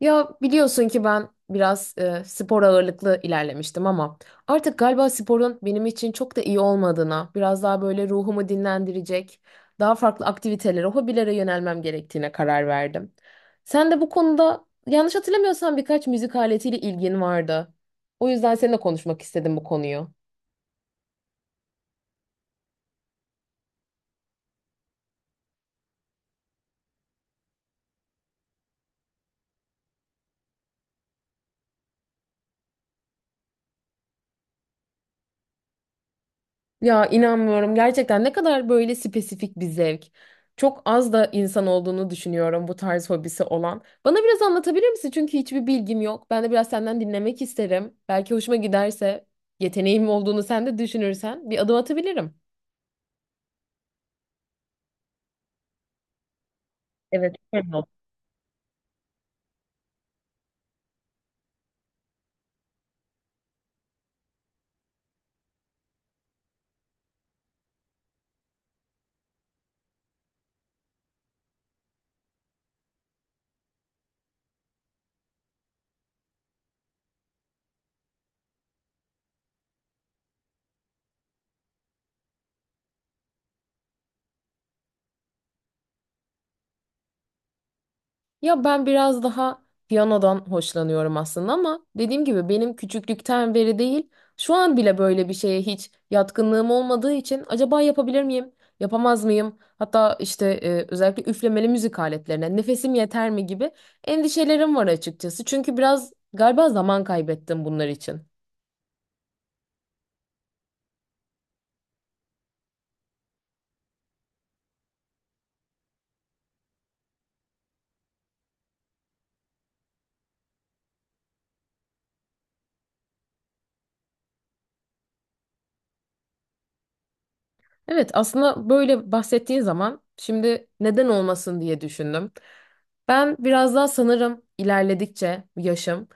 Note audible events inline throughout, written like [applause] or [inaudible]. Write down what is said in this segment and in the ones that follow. Ya biliyorsun ki ben biraz spor ağırlıklı ilerlemiştim ama artık galiba sporun benim için çok da iyi olmadığına, biraz daha böyle ruhumu dinlendirecek, daha farklı aktivitelere, hobilere yönelmem gerektiğine karar verdim. Sen de bu konuda yanlış hatırlamıyorsam birkaç müzik aletiyle ilgin vardı. O yüzden seninle konuşmak istedim bu konuyu. Ya inanmıyorum. Gerçekten ne kadar böyle spesifik bir zevk. Çok az da insan olduğunu düşünüyorum bu tarz hobisi olan. Bana biraz anlatabilir misin? Çünkü hiçbir bilgim yok. Ben de biraz senden dinlemek isterim. Belki hoşuma giderse, yeteneğim olduğunu sen de düşünürsen bir adım atabilirim. Ya ben biraz daha piyanodan hoşlanıyorum aslında ama dediğim gibi benim küçüklükten beri değil, şu an bile böyle bir şeye hiç yatkınlığım olmadığı için acaba yapabilir miyim, yapamaz mıyım? Hatta işte özellikle üflemeli müzik aletlerine nefesim yeter mi gibi endişelerim var açıkçası. Çünkü biraz galiba zaman kaybettim bunlar için. Evet, aslında böyle bahsettiğin zaman şimdi neden olmasın diye düşündüm. Ben biraz daha sanırım ilerledikçe yaşım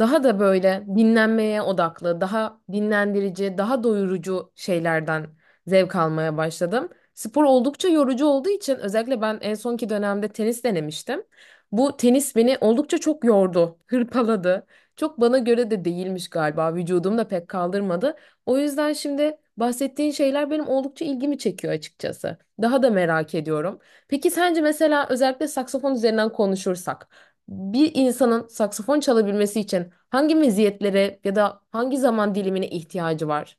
daha da böyle dinlenmeye odaklı, daha dinlendirici, daha doyurucu şeylerden zevk almaya başladım. Spor oldukça yorucu olduğu için özellikle ben en sonki dönemde tenis denemiştim. Bu tenis beni oldukça çok yordu, [laughs] hırpaladı. Çok bana göre de değilmiş galiba. Vücudum da pek kaldırmadı. O yüzden şimdi bahsettiğin şeyler benim oldukça ilgimi çekiyor açıkçası. Daha da merak ediyorum. Peki sence mesela özellikle saksafon üzerinden konuşursak bir insanın saksafon çalabilmesi için hangi meziyetlere ya da hangi zaman dilimine ihtiyacı var?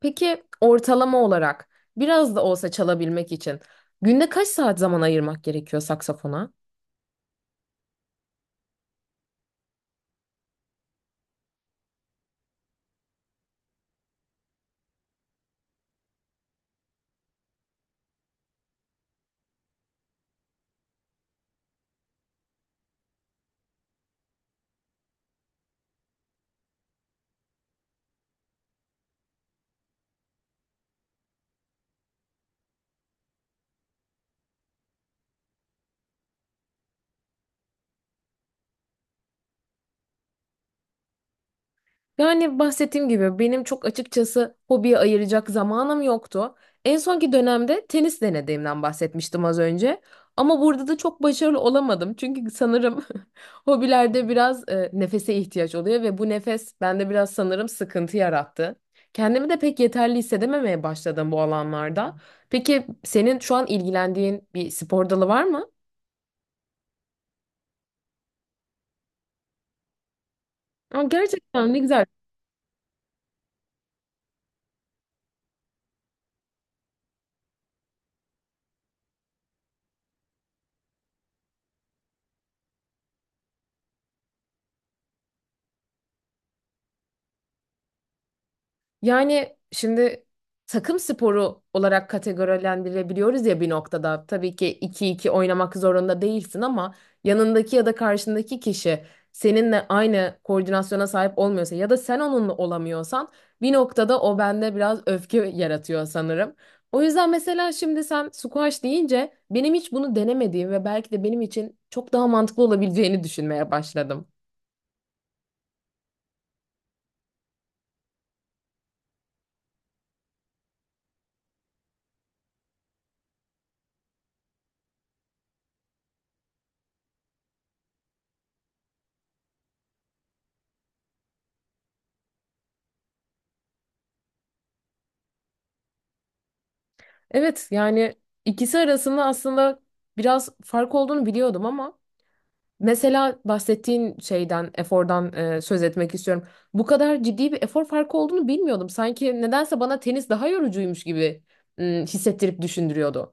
Peki ortalama olarak biraz da olsa çalabilmek için günde kaç saat zaman ayırmak gerekiyor saksafona? Yani bahsettiğim gibi benim çok açıkçası hobiye ayıracak zamanım yoktu. En sonki dönemde tenis denediğimden bahsetmiştim az önce. Ama burada da çok başarılı olamadım. Çünkü sanırım [laughs] hobilerde biraz nefese ihtiyaç oluyor ve bu nefes bende biraz sanırım sıkıntı yarattı. Kendimi de pek yeterli hissedememeye başladım bu alanlarda. Peki senin şu an ilgilendiğin bir spor dalı var mı? Aa, gerçekten ne güzel. Yani şimdi takım sporu olarak kategorilendirebiliyoruz ya bir noktada. Tabii ki iki iki oynamak zorunda değilsin ama yanındaki ya da karşındaki kişi seninle aynı koordinasyona sahip olmuyorsa ya da sen onunla olamıyorsan bir noktada o bende biraz öfke yaratıyor sanırım. O yüzden mesela şimdi sen squash deyince benim hiç bunu denemediğim ve belki de benim için çok daha mantıklı olabileceğini düşünmeye başladım. Evet yani ikisi arasında aslında biraz fark olduğunu biliyordum ama mesela bahsettiğin şeyden efordan söz etmek istiyorum. Bu kadar ciddi bir efor farkı olduğunu bilmiyordum. Sanki nedense bana tenis daha yorucuymuş gibi hissettirip düşündürüyordu.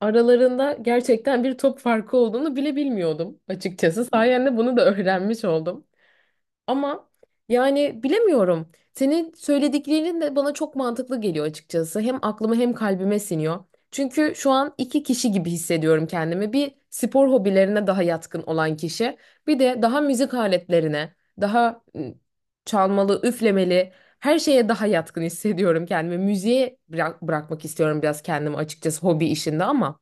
Aralarında gerçekten bir top farkı olduğunu bile bilmiyordum açıkçası. Sayende bunu da öğrenmiş oldum. Ama yani bilemiyorum. Senin söylediklerin de bana çok mantıklı geliyor açıkçası. Hem aklıma hem kalbime siniyor. Çünkü şu an iki kişi gibi hissediyorum kendimi. Bir spor hobilerine daha yatkın olan kişi, bir de daha müzik aletlerine, daha çalmalı, üflemeli her şeye daha yatkın hissediyorum kendimi. Müziğe bırakmak istiyorum biraz kendimi açıkçası hobi işinde ama.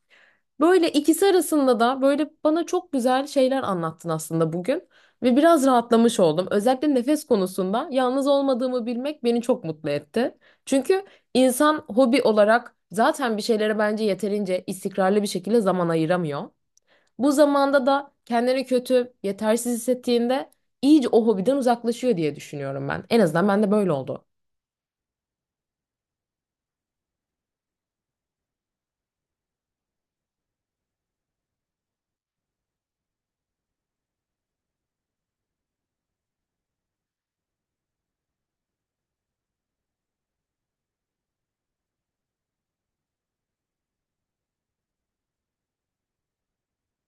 Böyle ikisi arasında da böyle bana çok güzel şeyler anlattın aslında bugün ve biraz rahatlamış oldum. Özellikle nefes konusunda yalnız olmadığımı bilmek beni çok mutlu etti. Çünkü insan hobi olarak zaten bir şeylere bence yeterince istikrarlı bir şekilde zaman ayıramıyor. Bu zamanda da kendini kötü, yetersiz hissettiğinde iyice o hobiden uzaklaşıyor diye düşünüyorum ben. En azından bende böyle oldu.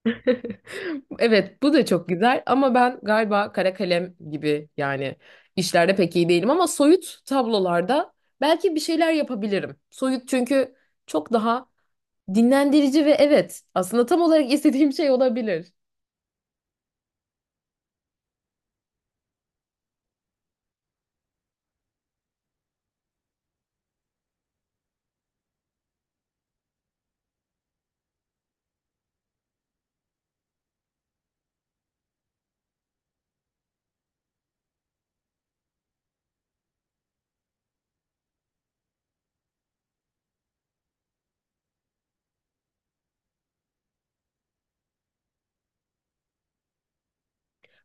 [laughs] Evet, bu da çok güzel ama ben galiba kara kalem gibi yani işlerde pek iyi değilim ama soyut tablolarda belki bir şeyler yapabilirim. Soyut çünkü çok daha dinlendirici ve evet aslında tam olarak [laughs] istediğim şey olabilir.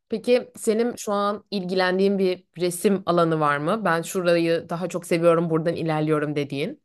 Peki senin şu an ilgilendiğin bir resim alanı var mı? Ben şurayı daha çok seviyorum, buradan ilerliyorum dediğin.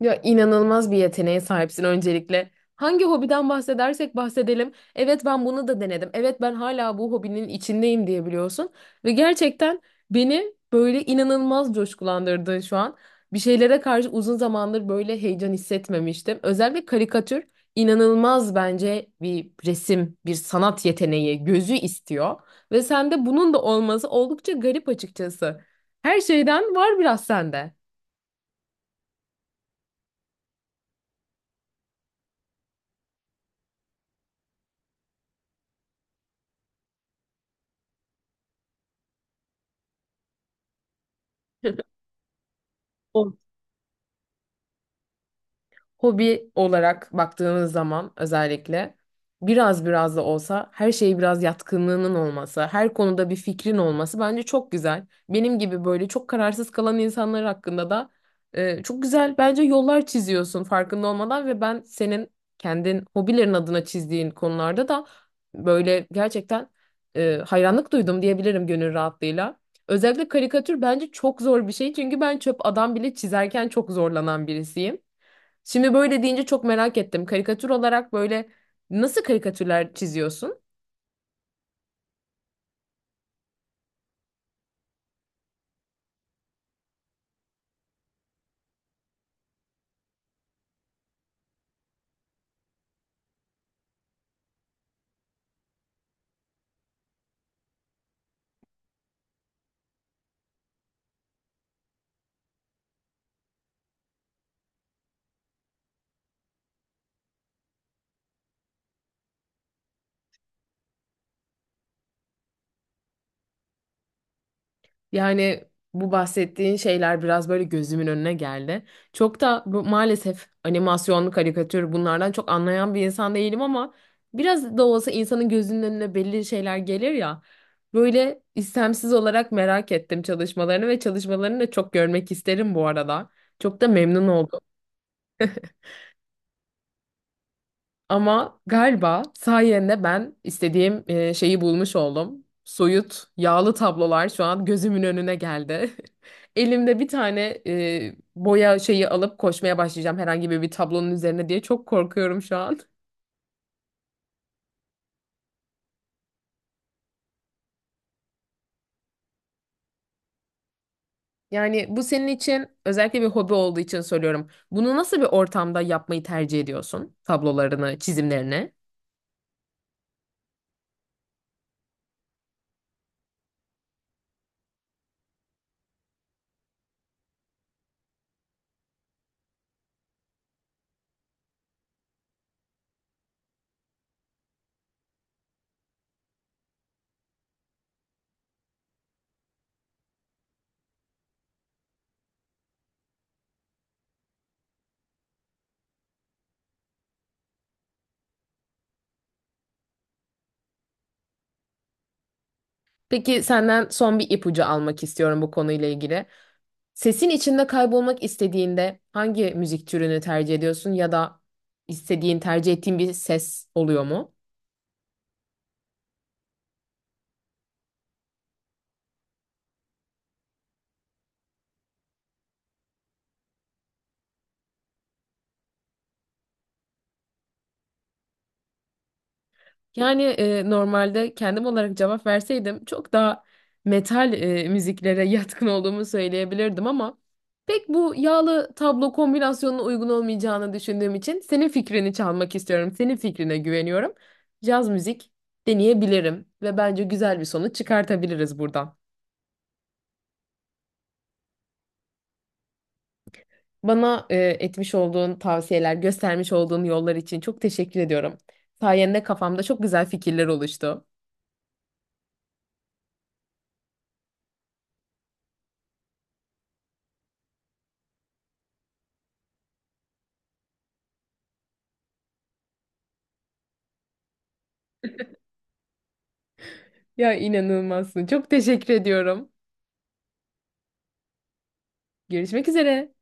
Ya inanılmaz bir yeteneğe sahipsin öncelikle. Hangi hobiden bahsedersek bahsedelim. Evet ben bunu da denedim. Evet ben hala bu hobinin içindeyim diyebiliyorsun. Ve gerçekten beni böyle inanılmaz coşkulandırdın şu an. Bir şeylere karşı uzun zamandır böyle heyecan hissetmemiştim. Özellikle karikatür inanılmaz bence bir resim, bir sanat yeteneği, gözü istiyor. Ve sende bunun da olması oldukça garip açıkçası. Her şeyden var biraz sende. [laughs] hobi olarak baktığımız zaman özellikle biraz biraz da olsa her şeye biraz yatkınlığının olması, her konuda bir fikrin olması bence çok güzel. Benim gibi böyle çok kararsız kalan insanlar hakkında da çok güzel bence yollar çiziyorsun farkında olmadan ve ben senin kendin hobilerin adına çizdiğin konularda da böyle gerçekten hayranlık duydum diyebilirim gönül rahatlığıyla. Özellikle karikatür bence çok zor bir şey çünkü ben çöp adam bile çizerken çok zorlanan birisiyim. Şimdi böyle deyince çok merak ettim. Karikatür olarak böyle nasıl karikatürler çiziyorsun? Yani bu bahsettiğin şeyler biraz böyle gözümün önüne geldi. Çok da bu, maalesef animasyonlu karikatür bunlardan çok anlayan bir insan değilim ama biraz da olsa insanın gözünün önüne belli şeyler gelir ya. Böyle istemsiz olarak merak ettim çalışmalarını ve çalışmalarını da çok görmek isterim bu arada. Çok da memnun oldum. Ama galiba sayende ben istediğim şeyi bulmuş oldum. Soyut, yağlı tablolar şu an gözümün önüne geldi. [laughs] Elimde bir tane boya şeyi alıp koşmaya başlayacağım bir tablonun üzerine diye çok korkuyorum şu an. Yani bu senin için özellikle bir hobi olduğu için soruyorum. Bunu nasıl bir ortamda yapmayı tercih ediyorsun? Tablolarını, çizimlerini? Peki senden son bir ipucu almak istiyorum bu konuyla ilgili. Sesin içinde kaybolmak istediğinde hangi müzik türünü tercih ediyorsun ya da istediğin, tercih ettiğin bir ses oluyor mu? Yani normalde kendim olarak cevap verseydim çok daha metal müziklere [laughs] yatkın olduğumu söyleyebilirdim ama pek bu yağlı tablo kombinasyonuna uygun olmayacağını düşündüğüm için senin fikrini çalmak istiyorum. Senin fikrine güveniyorum. Caz müzik deneyebilirim ve bence güzel bir sonuç çıkartabiliriz buradan. Bana etmiş olduğun tavsiyeler, göstermiş olduğun yollar için çok teşekkür ediyorum. Sayende kafamda çok güzel fikirler oluştu. Ya inanılmazsın. Çok teşekkür ediyorum. Görüşmek üzere.